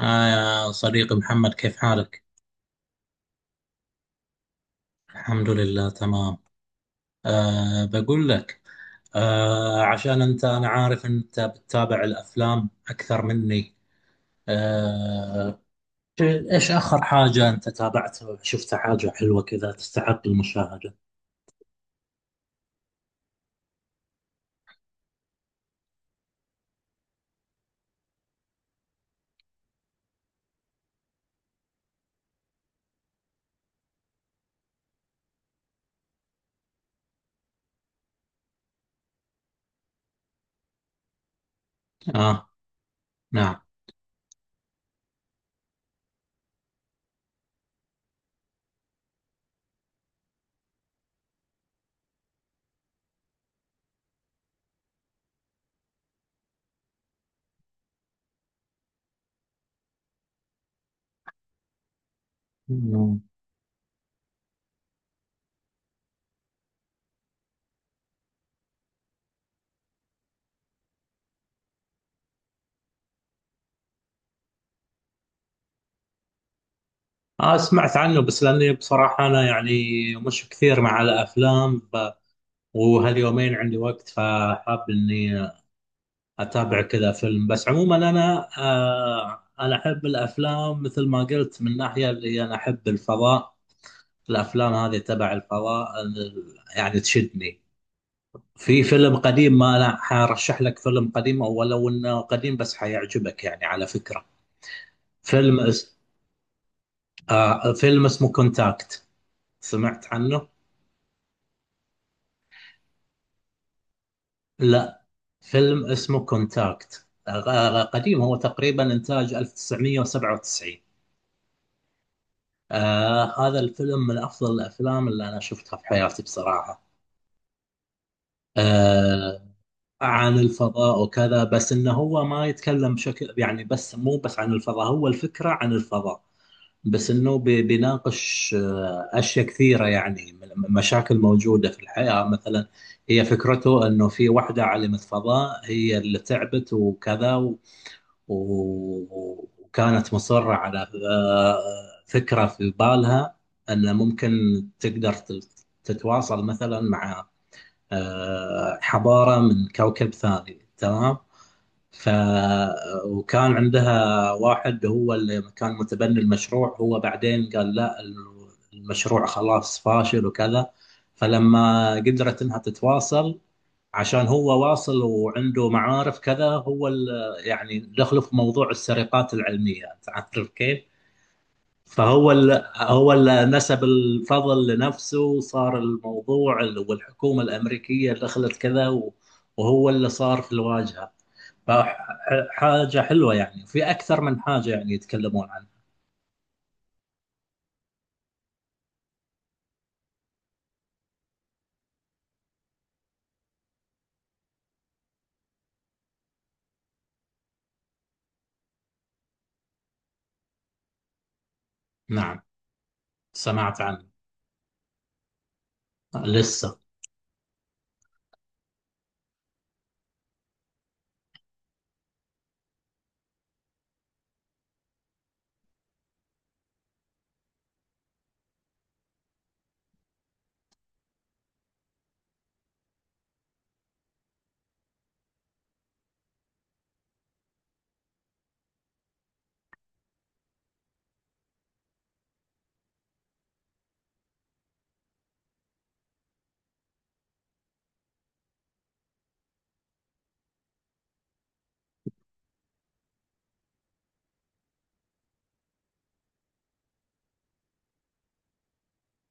يا صديقي محمد، كيف حالك؟ الحمد لله تمام. بقول لك، عشان أنت، أنا عارف أنت بتتابع الأفلام أكثر مني. آه. إيش آخر حاجة أنت تابعتها؟ شفت حاجة حلوة كذا تستحق المشاهدة؟ آه. نعم. مم. آه سمعت عنه، بس لأني بصراحة أنا يعني مش كثير مع الأفلام وهاليومين عندي وقت فحاب إني اتابع كذا فيلم. بس عموما انا انا احب الافلام، مثل ما قلت، من ناحيه اللي انا احب الفضاء. الافلام هذه تبع الفضاء يعني تشدني. في فيلم قديم، ما انا حرشح لك فيلم قديم، او لو انه قديم بس حيعجبك يعني على فكره. فيلم اس... آه فيلم اسمه كونتاكت، سمعت عنه؟ لا، فيلم اسمه كونتاكت، آه قديم، هو تقريبا انتاج 1997. آه هذا الفيلم من أفضل الأفلام اللي أنا شفتها في حياتي بصراحة. آه عن الفضاء وكذا، بس إنه هو ما يتكلم بشكل يعني، بس مو بس عن الفضاء، هو الفكرة عن الفضاء، بس إنه بيناقش أشياء كثيرة يعني، مشاكل موجودة في الحياة مثلا. هي فكرته إنه في واحدة عالمة فضاء هي اللي تعبت وكذا، و- وكانت مصرة على آه، فكرة في بالها أن ممكن تقدر تتواصل مثلا مع حضارة من كوكب ثاني، تمام. ف وكان عندها واحد هو اللي كان متبني المشروع، هو بعدين قال لا، المشروع خلاص فاشل وكذا. فلما قدرت انها تتواصل، عشان هو واصل وعنده معارف كذا، هو يعني دخله في موضوع السرقات العلمية، تعرف كيف؟ فهو ال نسب الفضل لنفسه، وصار الموضوع والحكومة الأمريكية دخلت كذا وهو اللي صار في الواجهة. فحاجة حلوة يعني، في أكثر من حاجة يعني يتكلمون عنها. نعم سمعت عنه. لسه.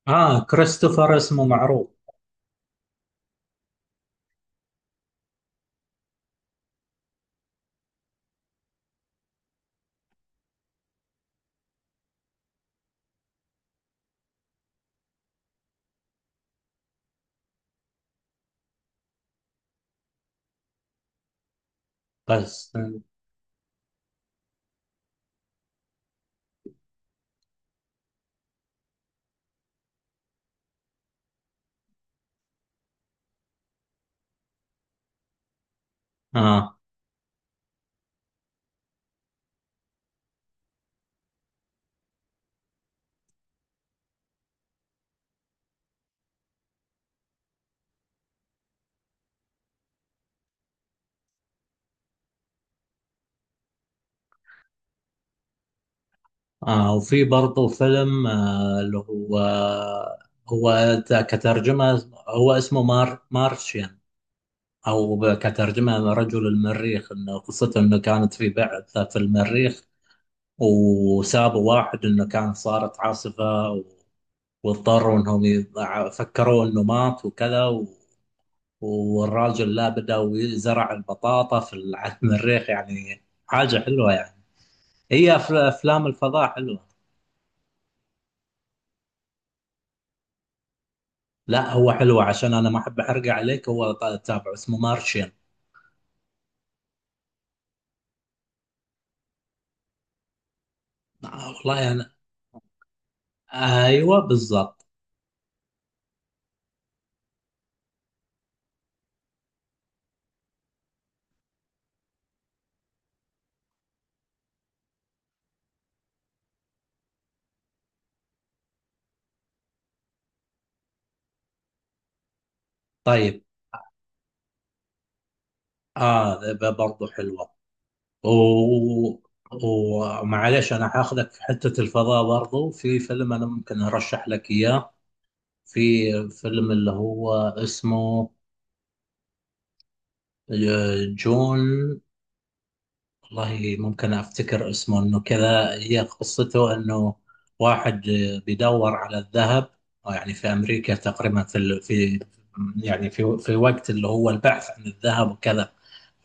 آه كريستوفر اسمه معروف. بس. آه. آه وفي برضه فيلم، آه اللي هو، هو كترجمة هو اسمه مارشيان، أو كترجمة رجل المريخ. إنه قصته إنه كانت في بعثة في المريخ، وسابوا واحد إنه كان صارت عاصفة واضطروا إنهم فكروا إنه مات وكذا والراجل لا، بدأ يزرع البطاطا في على المريخ، يعني حاجة حلوة يعني. هي أفلام الفضاء حلوة. لا هو حلو، عشان انا ما احب احرق عليك، هو تابعه اسمه مارشين. آه والله انا. آه، ايوه بالضبط. طيب. اه برضو حلوه. و- ومعليش انا حاخذك في حته الفضاء برضو، في فيلم انا ممكن ارشح لك اياه. في فيلم اللي هو اسمه جون، والله ممكن افتكر اسمه انه كذا. هي قصته انه واحد بيدور على الذهب، يعني في امريكا تقريبا في يعني في وقت اللي هو البحث عن الذهب وكذا،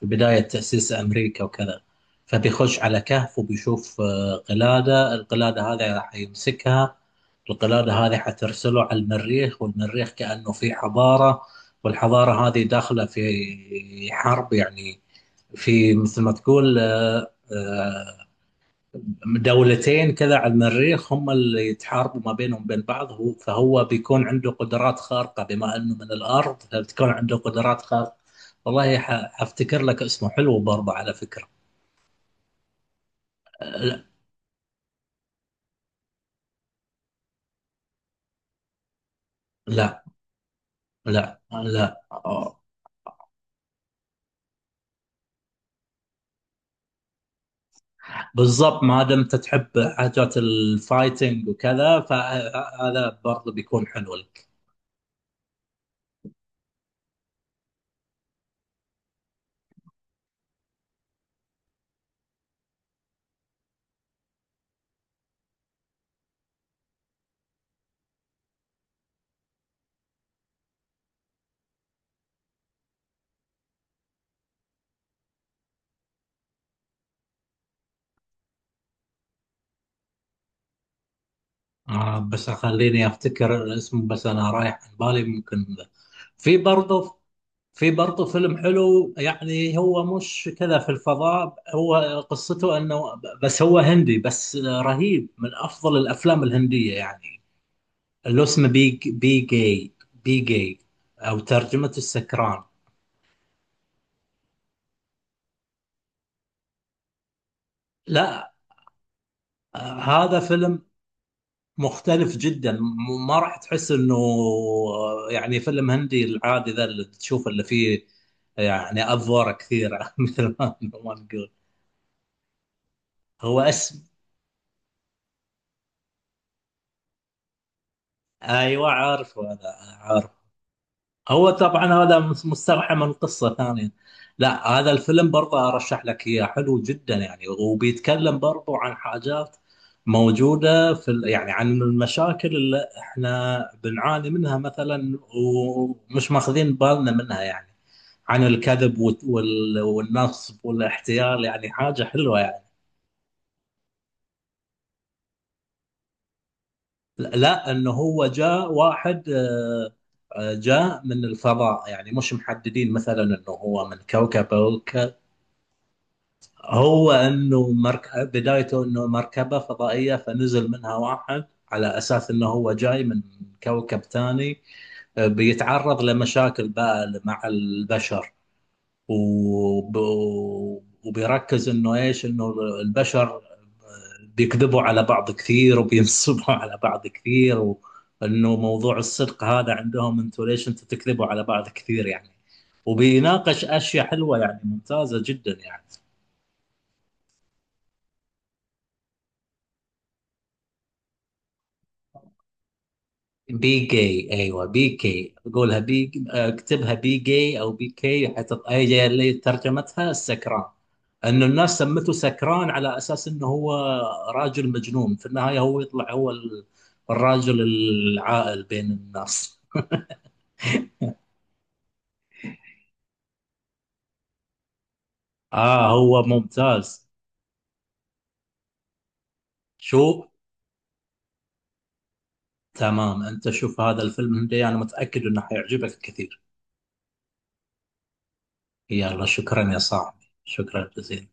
في بداية تأسيس أمريكا وكذا. فبيخش على كهف وبيشوف قلادة، القلادة هذه راح يمسكها. القلادة هذه حترسله على المريخ، والمريخ كأنه في حضارة، والحضارة هذه داخلة في حرب يعني، في مثل ما تقول دولتين كذا على المريخ هم اللي يتحاربوا ما بينهم بين بعض. هو فهو بيكون عنده قدرات خارقة، بما انه من الارض فبتكون عنده قدرات خارقة. والله حفتكر لك اسمه، حلو برضه على فكرة. لا، لا آه. بالضبط، ما دمت تحب حاجات الفايتنج وكذا، فهذا برضه بيكون حلو. آه بس خليني افتكر الاسم، بس انا رايح عن بالي ممكن ذا. في برضه، في برضه فيلم حلو، يعني هو مش كذا في الفضاء. هو قصته انه، بس هو هندي بس رهيب، من افضل الافلام الهندية يعني، اللي اسمه بي جاي، بي جاي، او ترجمة السكران. لا، هذا فيلم مختلف جدا، ما راح تحس انه يعني فيلم هندي العادي ذا اللي تشوف اللي فيه، يعني افواره كثيره مثل ما نقول. هو اسم، ايوه عارفه انا. هو طبعا هذا مستوحى من قصة ثانية. لا، هذا الفيلم برضه أرشح لك إياه، حلو جدا يعني، وبيتكلم برضه عن حاجات موجودة في يعني عن المشاكل اللي احنا بنعاني منها مثلا ومش ماخذين بالنا منها يعني، عن الكذب والنصب والاحتيال، يعني حاجة حلوة يعني. لا، انه هو جاء واحد جاء من الفضاء، يعني مش محددين مثلا انه هو من كوكب. هو انه مركب، بدايته انه مركبه فضائيه فنزل منها واحد، على اساس انه هو جاي من كوكب ثاني. بيتعرض لمشاكل بقى مع البشر، وب... وبيركز انه ايش، انه البشر بيكذبوا على بعض كثير وبينصبوا على بعض كثير، وانه موضوع الصدق هذا عندهم، انتوا ليش انتوا تكذبوا على بعض كثير يعني. وبيناقش اشياء حلوه يعني، ممتازه جدا يعني. بي جي، ايوه بي كي، قولها بي، اكتبها بي جي او بي كي هي اللي ترجمتها السكران. انه الناس سمته سكران على اساس انه هو راجل مجنون، في النهايه هو يطلع هو الراجل العاقل بين الناس. اه هو ممتاز. شو. تمام، انت شوف هذا الفيلم هندي، انا متاكد انه حيعجبك كثير. يلا شكرا يا صاحبي، شكرا جزيلا.